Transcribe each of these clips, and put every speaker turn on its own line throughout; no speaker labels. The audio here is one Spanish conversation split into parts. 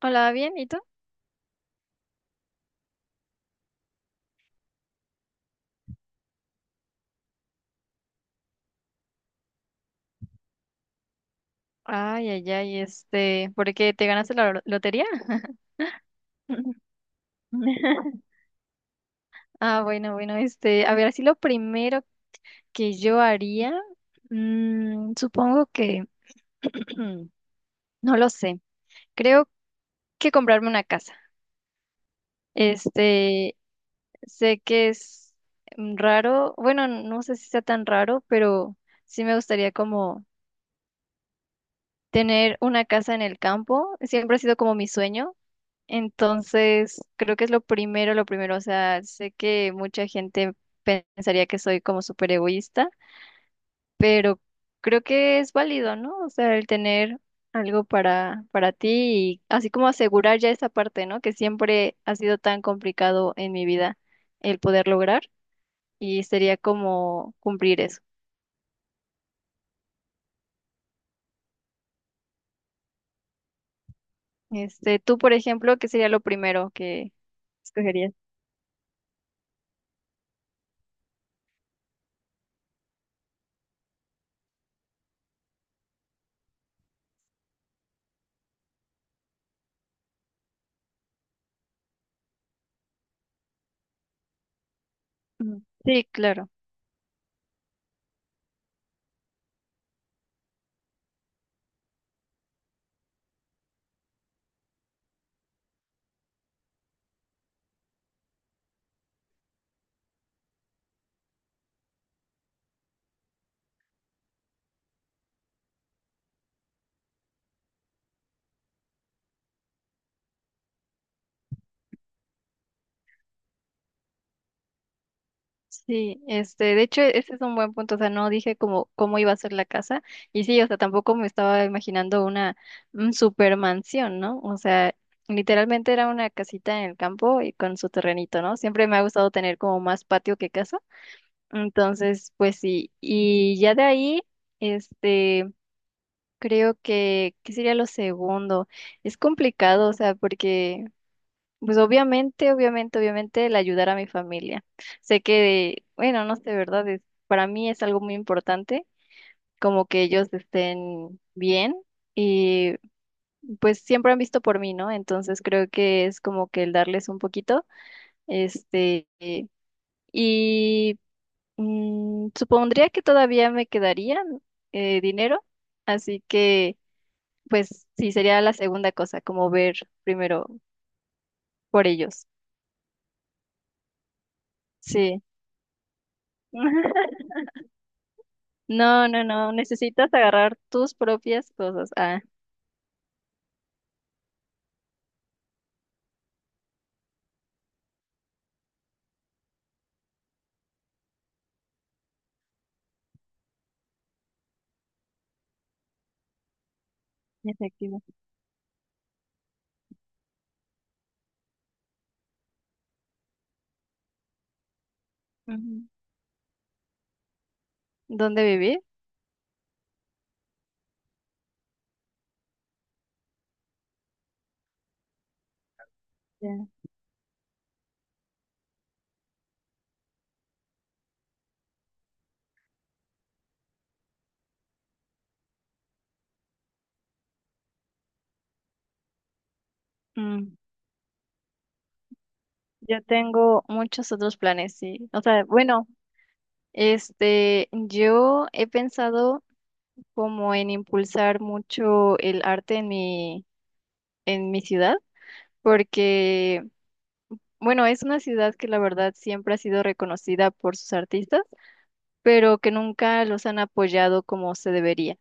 Hola, bien, ¿y tú? Ay, ay, ay, ¿por qué te ganaste la lotería? Ah, bueno, bueno, a ver, así lo primero que yo haría, supongo que, no lo sé, creo que comprarme una casa. Este, sé que es raro, bueno, no sé si sea tan raro, pero sí me gustaría como tener una casa en el campo, siempre ha sido como mi sueño. Entonces, creo que es lo primero, o sea, sé que mucha gente pensaría que soy como súper egoísta, pero creo que es válido, ¿no? O sea, el tener algo para ti y así como asegurar ya esa parte, ¿no? Que siempre ha sido tan complicado en mi vida el poder lograr y sería como cumplir eso. Tú, por ejemplo, ¿qué sería lo primero que escogerías? Ujú. Sí, claro. Sí, de hecho, ese es un buen punto, o sea, no dije cómo iba a ser la casa, y sí, o sea, tampoco me estaba imaginando una super mansión, ¿no? O sea, literalmente era una casita en el campo y con su terrenito, ¿no? Siempre me ha gustado tener como más patio que casa, entonces, pues sí, y ya de ahí, este, creo que, ¿qué sería lo segundo? Es complicado, o sea, porque pues obviamente, obviamente, obviamente el ayudar a mi familia. Sé que, bueno, no sé, ¿verdad? Es- para mí es algo muy importante, como que ellos estén bien y pues siempre han visto por mí, ¿no? Entonces creo que es como que el darles un poquito, este, y supondría que todavía me quedarían dinero, así que pues sí, sería la segunda cosa, como ver primero por ellos. Sí. No, no, no, necesitas agarrar tus propias cosas. Ah, efectivo. Ujú. ¿Dónde vivir? Ya. Mm, yo tengo muchos otros planes, sí. O sea, bueno, yo he pensado como en impulsar mucho el arte en en mi ciudad, porque, bueno, es una ciudad que la verdad siempre ha sido reconocida por sus artistas, pero que nunca los han apoyado como se debería.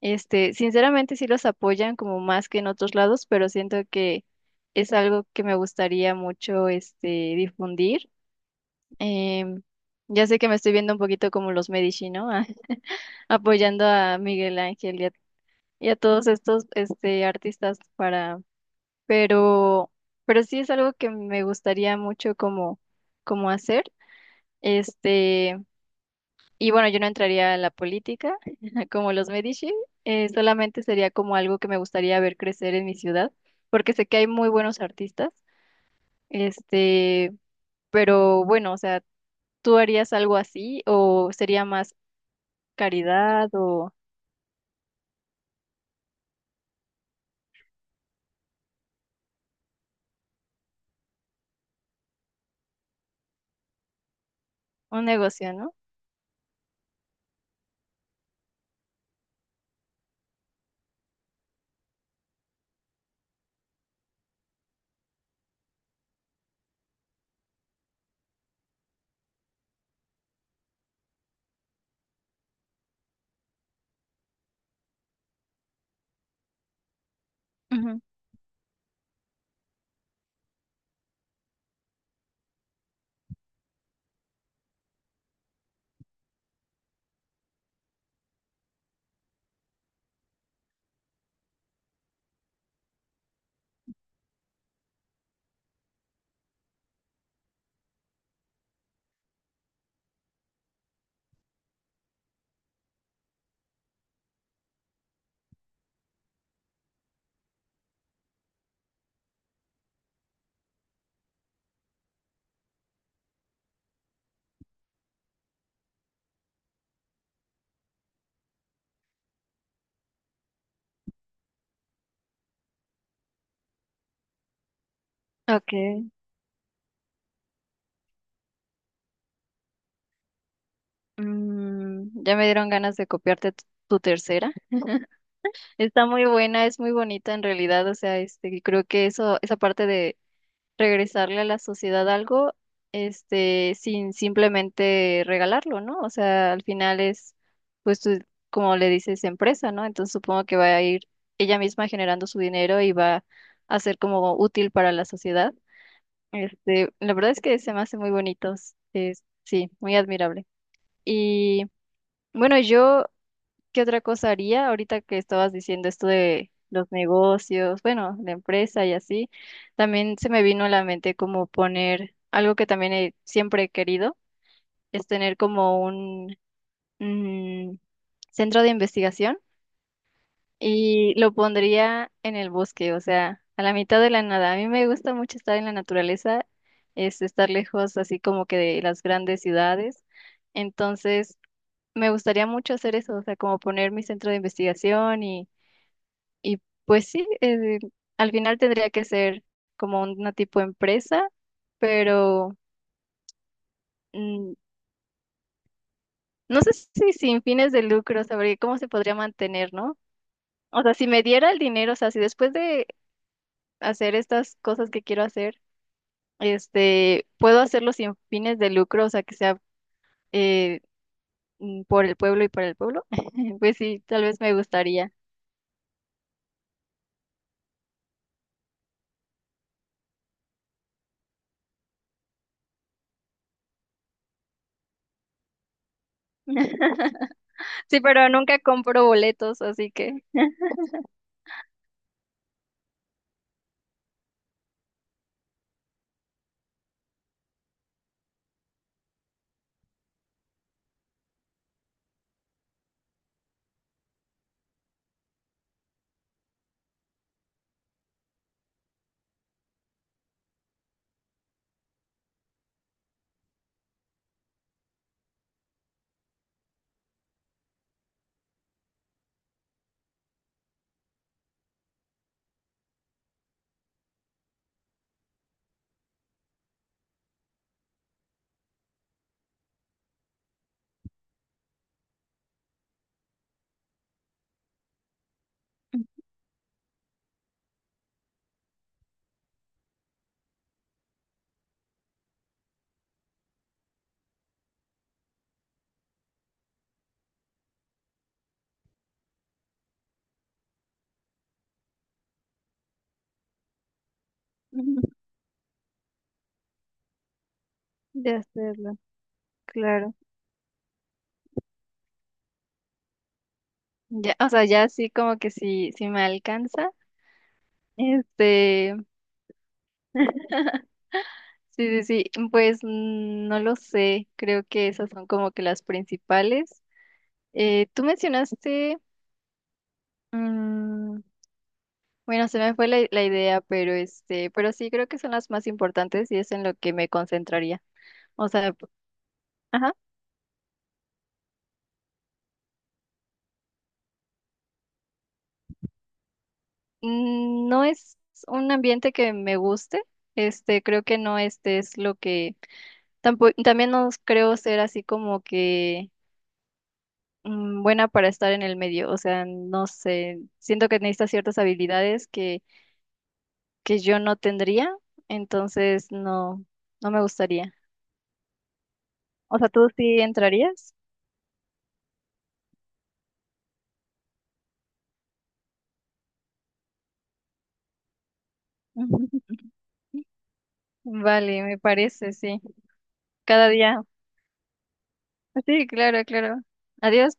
Sinceramente sí los apoyan como más que en otros lados, pero siento que es algo que me gustaría mucho difundir. Em, ya sé que me estoy viendo un poquito como los Medici, ¿no? Apoyando a Miguel Ángel y a todos estos artistas para, pero, pero sí es algo que me gustaría mucho como hacer. Este, Y bueno, yo no entraría en la política como los Medici, solamente sería como algo que me gustaría ver crecer en mi ciudad, porque sé que hay muy buenos artistas, este, pero bueno, o sea, ¿tú harías algo así o sería más caridad o un negocio, ¿no? Ujú. Ok, ya me dieron ganas de copiarte tu tercera. Está muy buena, es muy bonita en realidad, o sea, creo que eso, esa parte regresarle a la sociedad algo, sin simplemente regalarlo, ¿no? O sea, al final es, pues tú, como le dices, empresa, ¿no? Entonces supongo que va a ir ella misma generando su dinero y va a ser como útil para la sociedad. La verdad es que se me hace muy bonitos, es, sí, muy admirable. Y bueno, yo ¿qué otra cosa haría ahorita que estabas diciendo esto de los negocios, bueno, la empresa y así? También se me vino a la mente como poner algo que también he- siempre he querido, es tener como un mm, centro de investigación y lo pondría en el bosque, o sea, a la mitad de la nada. A mí me gusta mucho estar en la naturaleza, es estar lejos así como que de las grandes ciudades. Entonces, me gustaría mucho hacer eso, o sea, como poner mi centro de investigación y pues sí, al final tendría que ser como una tipo empresa, pero mm, no sé si sin fines de lucro, sabría cómo se podría mantener, ¿no? O sea, si me diera el dinero, o sea, si después de hacer estas cosas que quiero hacer, puedo hacerlo sin fines de lucro, o sea, que sea eh, por el pueblo y para el pueblo, pues sí, tal vez me gustaría. Sí, pero nunca compro boletos, así que de hacerlo, claro. Ya, o sea, ya sí como que sí, sí me alcanza. Este, sí, sí, sí, pues no lo sé, creo que esas son como que las principales. Tú mencionaste, mm, bueno, se me fue la idea, pero este, pero sí creo que son las más importantes y es en lo que me concentraría. O sea, p- ajá, no es un ambiente que me guste, creo que no este es lo que, tampoco, también no creo ser así como que buena para estar en el medio. O sea, no sé, siento que necesita ciertas habilidades que yo no tendría, entonces no, no me gustaría. O sea, ¿tú sí entrarías? Vale, me parece, sí. Cada día. Sí, claro, claro. Adiós.